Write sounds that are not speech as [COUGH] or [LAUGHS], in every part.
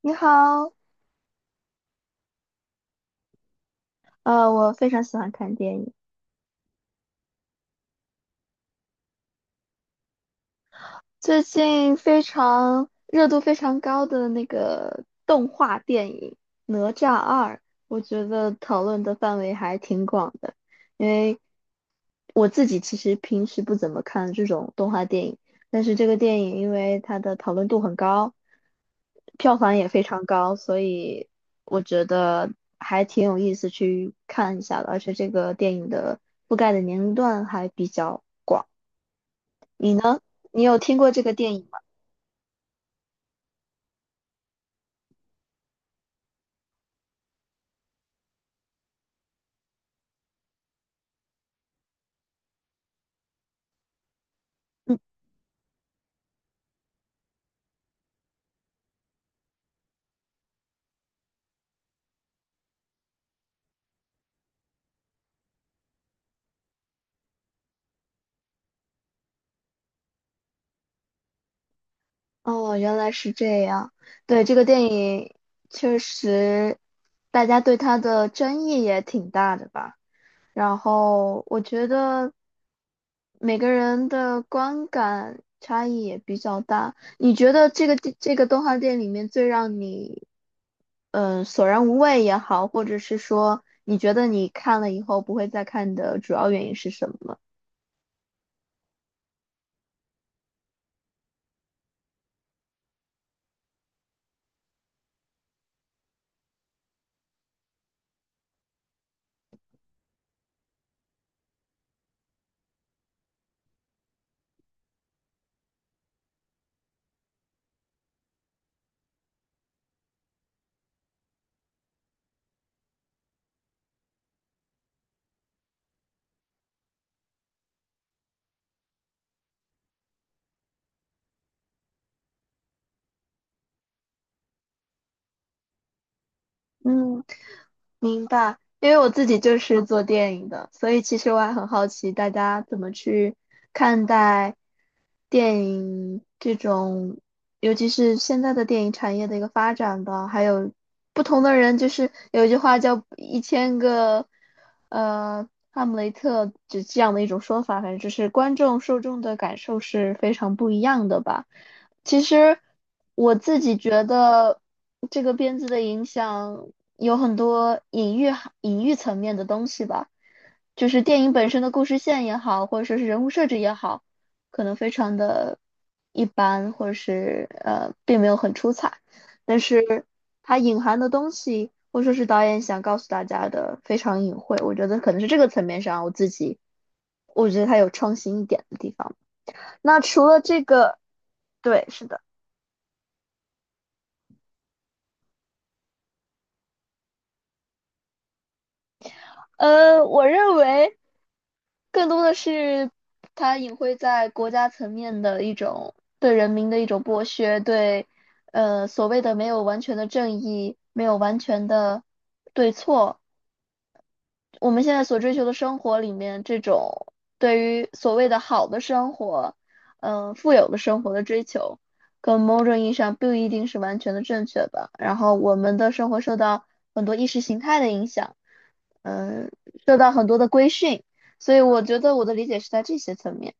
你好，我非常喜欢看电影。最近非常热度非常高的那个动画电影《哪吒二》，我觉得讨论的范围还挺广的。因为我自己其实平时不怎么看这种动画电影，但是这个电影因为它的讨论度很高，票房也非常高，所以我觉得还挺有意思去看一下的。而且这个电影的覆盖的年龄段还比较你呢？你有听过这个电影吗？嗯，哦，原来是这样。对，这个电影确实，大家对它的争议也挺大的吧。然后我觉得每个人的观感差异也比较大。你觉得这个电这个动画电影里面最让你索然无味也好，或者是说你觉得你看了以后不会再看的主要原因是什么？嗯。明白，因为我自己就是做电影的，所以其实我还很好奇大家怎么去看待电影这种，尤其是现在的电影产业的一个发展吧，还有不同的人，就是有一句话叫1000个哈姆雷特，就这样的一种说法，反正就是观众受众的感受是非常不一样的吧。其实我自己觉得，这个编剧的影响有很多隐喻含隐喻层面的东西吧，就是电影本身的故事线也好，或者说是人物设置也好，可能非常的一般，或者是并没有很出彩，但是它隐含的东西，或者说是导演想告诉大家的，非常隐晦。我觉得可能是这个层面上，我自己我觉得它有创新一点的地方。那除了这个，对，是的。我认为更多的是它隐晦在国家层面的一种对人民的一种剥削，对所谓的没有完全的正义，没有完全的对错，我们现在所追求的生活里面，这种对于所谓的好的生活，富有的生活的追求，跟某种意义上不一定是完全的正确吧。然后我们的生活受到很多意识形态的影响，嗯，受到很多的规训，所以我觉得我的理解是在这些层面。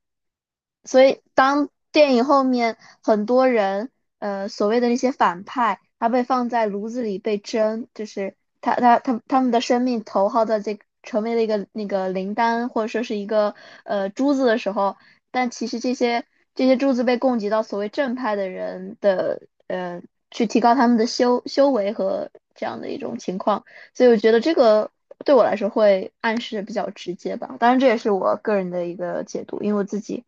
所以当电影后面很多人，所谓的那些反派，他被放在炉子里被蒸，就是他们的生命投靠在这个成为了一个那个灵丹或者说是一个珠子的时候，但其实这些珠子被供给到所谓正派的人的呃，去提高他们的修为和这样的一种情况，所以我觉得这个。对我来说会暗示比较直接吧，当然这也是我个人的一个解读，因为我自己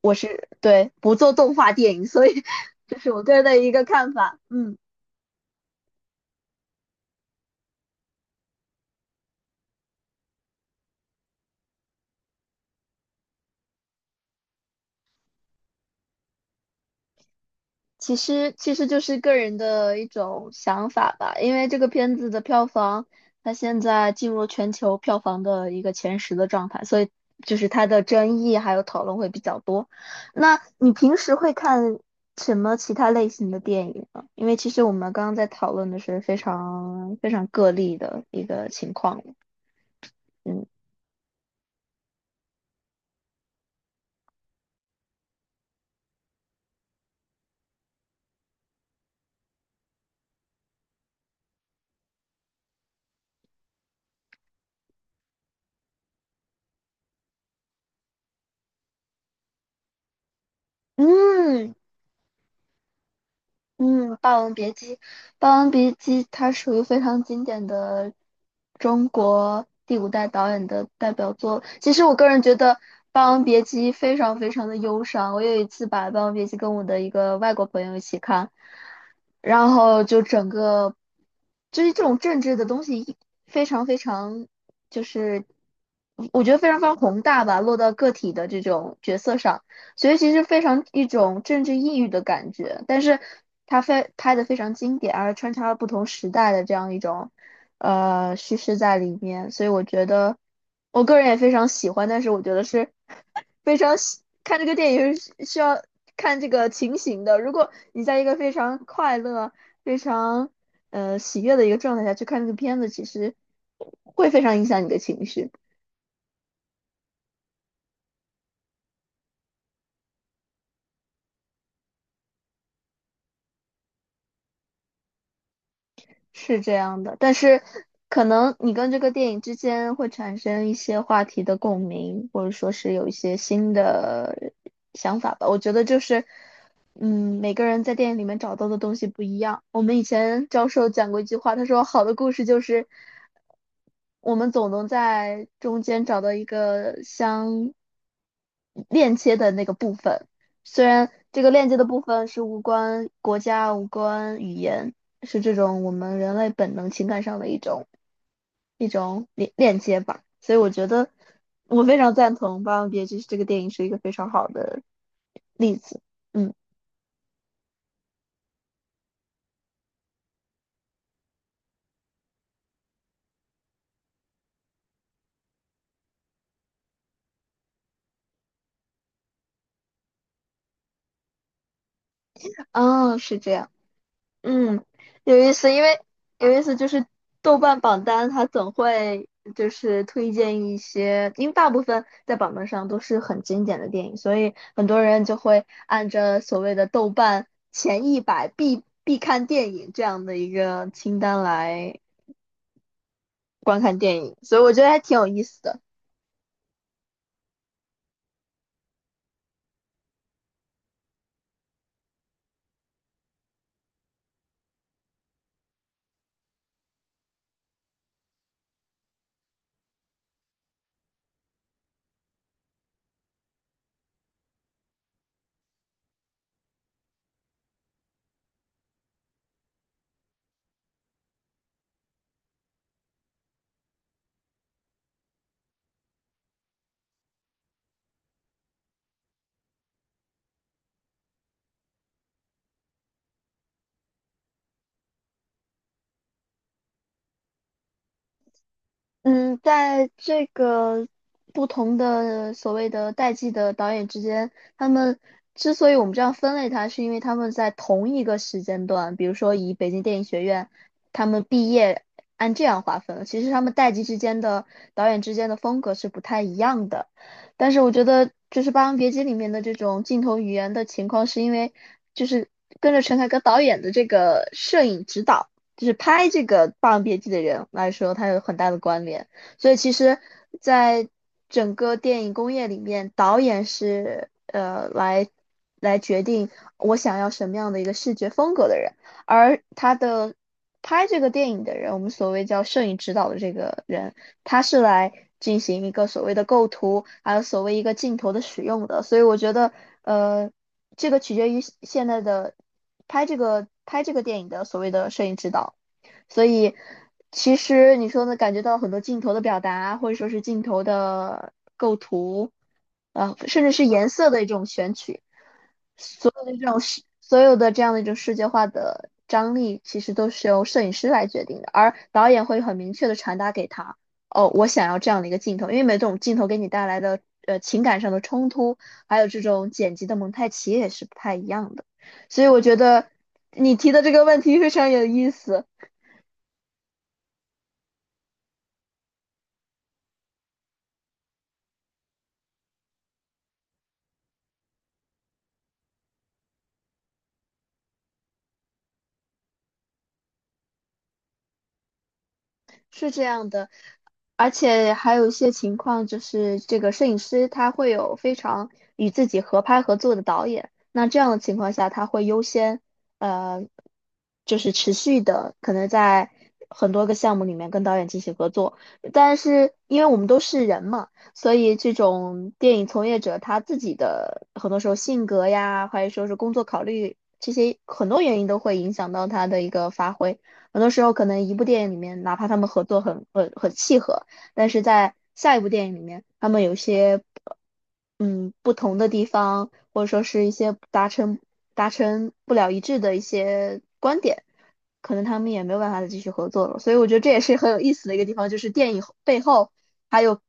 我是对不做动画电影，所以 [LAUGHS] 这是我个人的一个看法。嗯，其实就是个人的一种想法吧，因为这个片子的票房，它现在进入全球票房的一个前10的状态，所以就是它的争议还有讨论会比较多。那你平时会看什么其他类型的电影呢？因为其实我们刚刚在讨论的是非常非常个例的一个情况。嗯。嗯，嗯，《霸王别姬》，《霸王别姬》它属于非常经典的中国第五代导演的代表作。其实我个人觉得《霸王别姬》非常非常的忧伤。我有一次把《霸王别姬》跟我的一个外国朋友一起看，然后就整个就是这种政治的东西一非常非常就是我觉得非常非常宏大吧，落到个体的这种角色上。所以其实非常一种政治抑郁的感觉，但是它非拍的非常经典，而穿插了不同时代的这样一种叙事在里面，所以我觉得我个人也非常喜欢，但是我觉得是非常喜看这个电影是需要看这个情形的，如果你在一个非常快乐、非常喜悦的一个状态下去看这个片子，其实会非常影响你的情绪。是这样的，但是可能你跟这个电影之间会产生一些话题的共鸣，或者说是有一些新的想法吧。我觉得就是，每个人在电影里面找到的东西不一样。我们以前教授讲过一句话，他说好的故事就是，我们总能在中间找到一个相链接的那个部分。虽然这个链接的部分是无关国家、无关语言，是这种我们人类本能情感上的一种链接吧。所以我觉得我非常赞同《霸王别姬》这个电影是一个非常好的例子。嗯，啊，是这样。嗯，有意思，因为有意思就是豆瓣榜单它总会就是推荐一些，因为大部分在榜单上都是很经典的电影，所以很多人就会按着所谓的豆瓣前100必看电影这样的一个清单来观看电影，所以我觉得还挺有意思的。嗯，在这个不同的所谓的代际的导演之间，他们之所以我们这样分类它，是因为他们在同一个时间段，比如说以北京电影学院他们毕业按这样划分，其实他们代际之间的导演之间的风格是不太一样的。但是我觉得就是《霸王别姬》里面的这种镜头语言的情况，是因为就是跟着陈凯歌导演的这个摄影指导。就是拍这个《霸王别姬》的人来说，它有很大的关联。所以其实，在整个电影工业里面，导演是来决定我想要什么样的一个视觉风格的人，而他的拍这个电影的人，我们所谓叫摄影指导的这个人，他是来进行一个所谓的构图，还有所谓一个镜头的使用的。所以我觉得，呃，这个取决于现在的拍这个电影的所谓的摄影指导，所以其实你说呢，感觉到很多镜头的表达，或者说是镜头的构图，甚至是颜色的一种选取，所以这种世所有的这样的一种世界化的张力，其实都是由摄影师来决定的，而导演会很明确的传达给他，哦，我想要这样的一个镜头，因为每种镜头给你带来的情感上的冲突，还有这种剪辑的蒙太奇也是不太一样的，所以我觉得你提的这个问题非常有意思，是这样的。而且还有一些情况，就是这个摄影师他会有非常与自己合拍合作的导演，那这样的情况下，他会优先，呃，就是持续的可能在很多个项目里面跟导演进行合作。但是因为我们都是人嘛，所以这种电影从业者他自己的很多时候性格呀，或者说是工作考虑这些很多原因都会影响到他的一个发挥。很多时候可能一部电影里面，哪怕他们合作很契合。但是在下一部电影里面，他们有一些不同的地方，或者说是一些达成不了一致的一些观点，可能他们也没有办法再继续合作了。所以我觉得这也是很有意思的一个地方，就是电影背后还有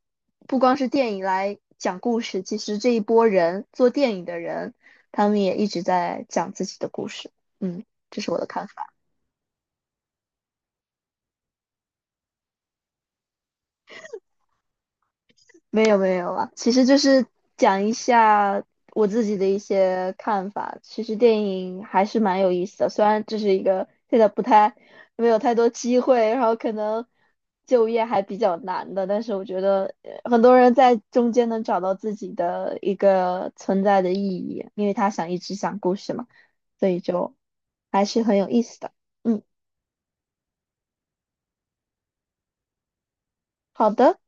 不光是电影来讲故事，其实这一波人做电影的人，他们也一直在讲自己的故事。嗯，这是我的看法。没有没有啊，其实就是讲一下我自己的一些看法。其实电影还是蛮有意思的，虽然这是一个现在不太没有太多机会，然后可能就业还比较难的，但是我觉得很多人在中间能找到自己的一个存在的意义，因为他想一直讲故事嘛，所以就还是很有意思的。嗯，好的。